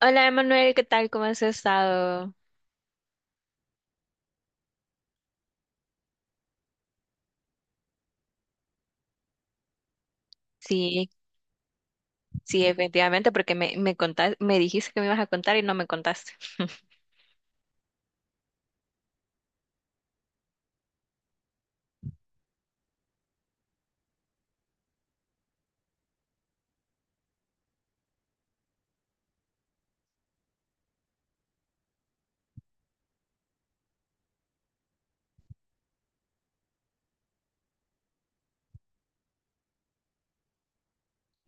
Hola, Emanuel, ¿qué tal? ¿Cómo has estado? Sí, sí, efectivamente, porque me dijiste que me ibas a contar y no me contaste.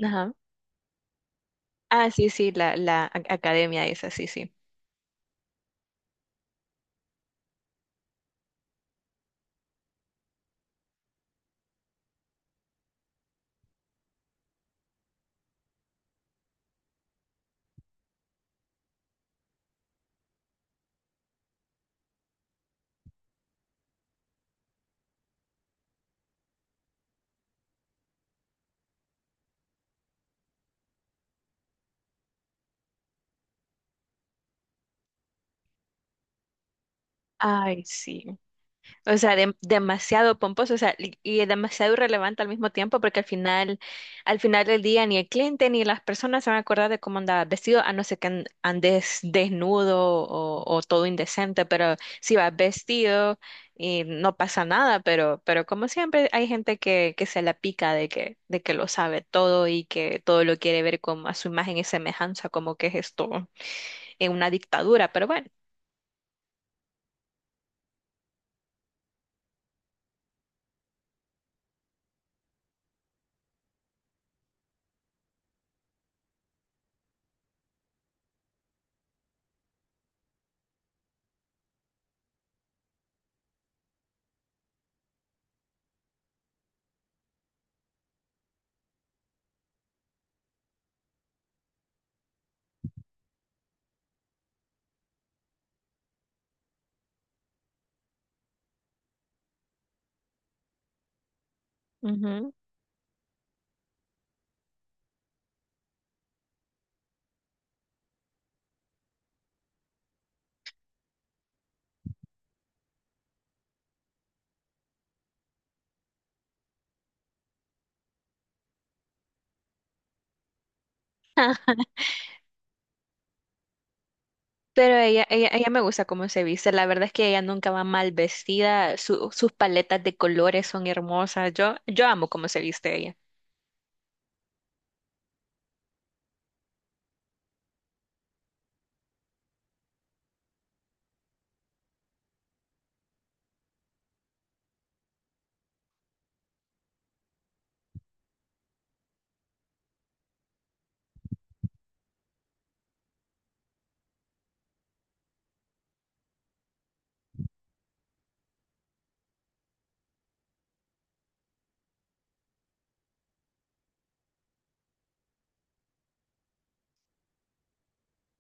Ajá. Ah, sí, sí, la academia esa, sí, sí. Ay, sí. O sea, demasiado pomposo, o sea, y demasiado irrelevante al mismo tiempo, porque al final del día ni el cliente ni las personas se van a acordar de cómo andaba vestido, a no ser que andes desnudo o todo indecente, pero si vas vestido y no pasa nada, pero como siempre hay gente que se la pica de que lo sabe todo y que todo lo quiere ver como a su imagen y semejanza, como que es esto en una dictadura, pero bueno. Pero ella me gusta cómo se viste. La verdad es que ella nunca va mal vestida. Sus paletas de colores son hermosas. Yo amo cómo se viste ella.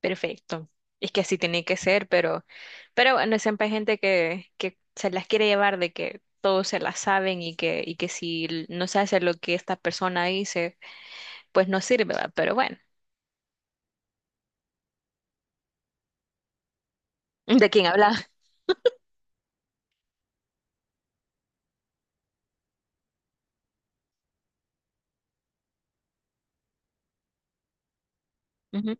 Perfecto. Es que así tiene que ser, pero bueno, siempre hay gente que se las quiere llevar de que todos se las saben y que no se hace lo que esta persona dice, pues no sirve, ¿va? Pero bueno. ¿De quién habla? Ujú.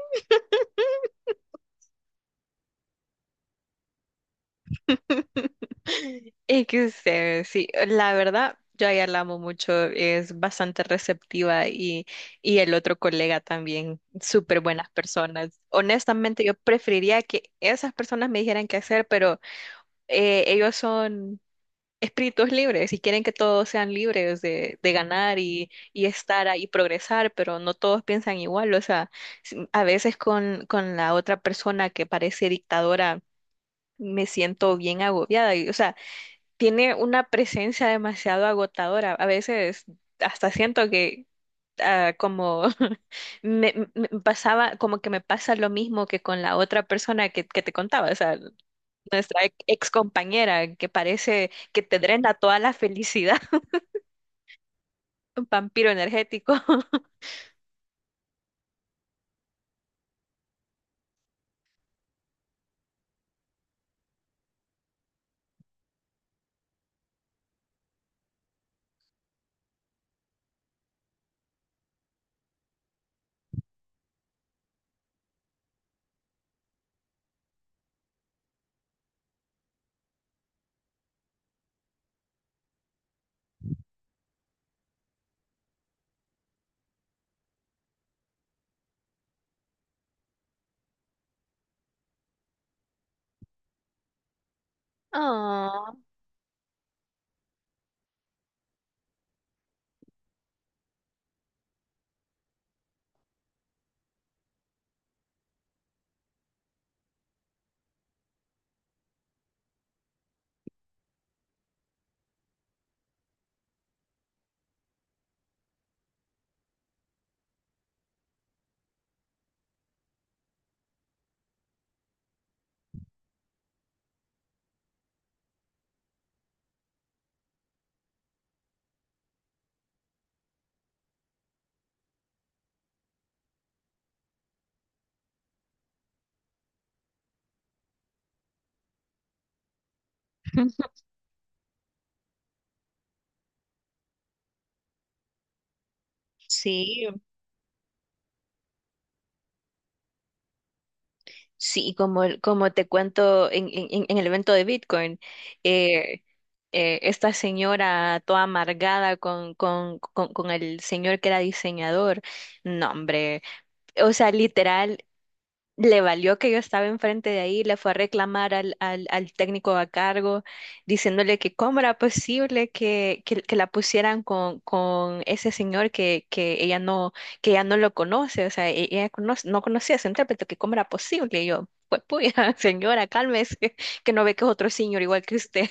Es que sé, sí, la verdad, yo a ella la amo mucho, es bastante receptiva y el otro colega también, súper buenas personas. Honestamente, yo preferiría que esas personas me dijeran qué hacer, pero ellos son espíritus libres y quieren que todos sean libres de ganar y estar ahí, progresar, pero no todos piensan igual. O sea, a veces con la otra persona que parece dictadora, me siento bien agobiada. Y, O sea, tiene una presencia demasiado agotadora. A veces hasta siento que ah, como me- me pasaba, como que me pasa lo mismo que con la otra persona que te contaba, o sea, nuestra ex compañera que parece que te drena toda la felicidad, un vampiro energético. Oh. Sí, sí, como, como te cuento en, en el evento de Bitcoin, eh, esta señora toda amargada con el señor que era diseñador, no, hombre, o sea, literal, le valió que yo estaba enfrente de ahí, le fue a reclamar al, al, al técnico a cargo, diciéndole que cómo era posible que la pusieran con ese señor que ella no lo conoce, o sea, e- no conocía a ese intérprete, que cómo era posible. Y yo, pues puya, señora, cálmese, que no ve que es otro señor igual que usted.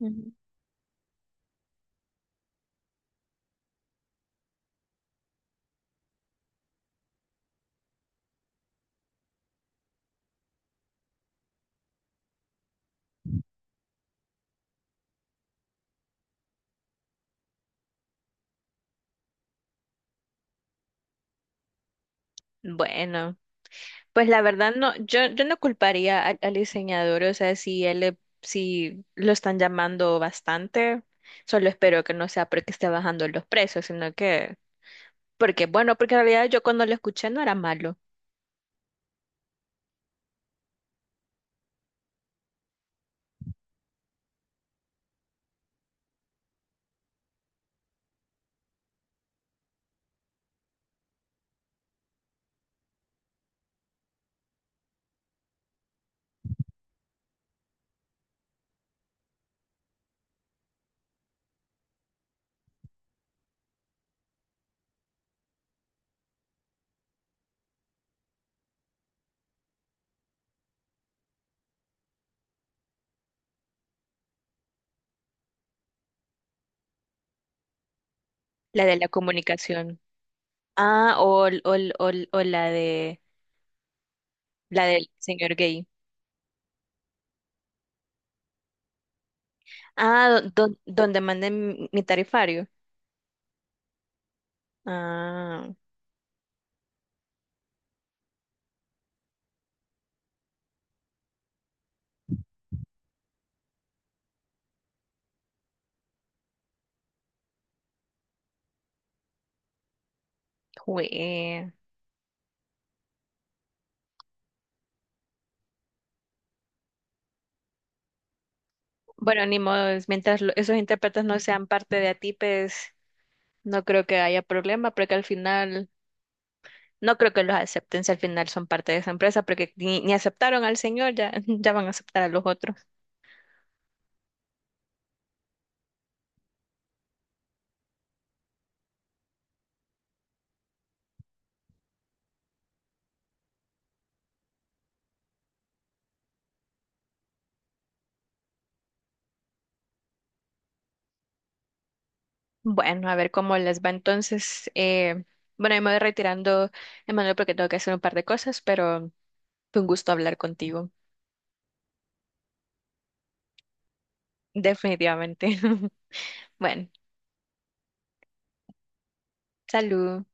Ujú. Bueno. Pues la verdad no, yo no culparía al, al diseñador, o sea, si lo están llamando bastante, solo espero que no sea porque esté bajando los precios, sino que porque bueno, porque en realidad yo cuando lo escuché no era malo, la de la comunicación. Ah, o, la de la del señor gay. Ah, donde manden mi tarifario. Ah, jue. Bueno, ni modo, es mientras esos intérpretes no sean parte de ATIPES. No creo que haya problema porque al final, no creo que los acepten si al final son parte de esa empresa porque ni, ni aceptaron al señor, ya, ya van a aceptar a los otros. Bueno, a ver cómo les va entonces. Bueno, yo me voy retirando, Emanuel, porque tengo que hacer un par de cosas, pero fue un gusto hablar contigo, definitivamente. Bueno, salud.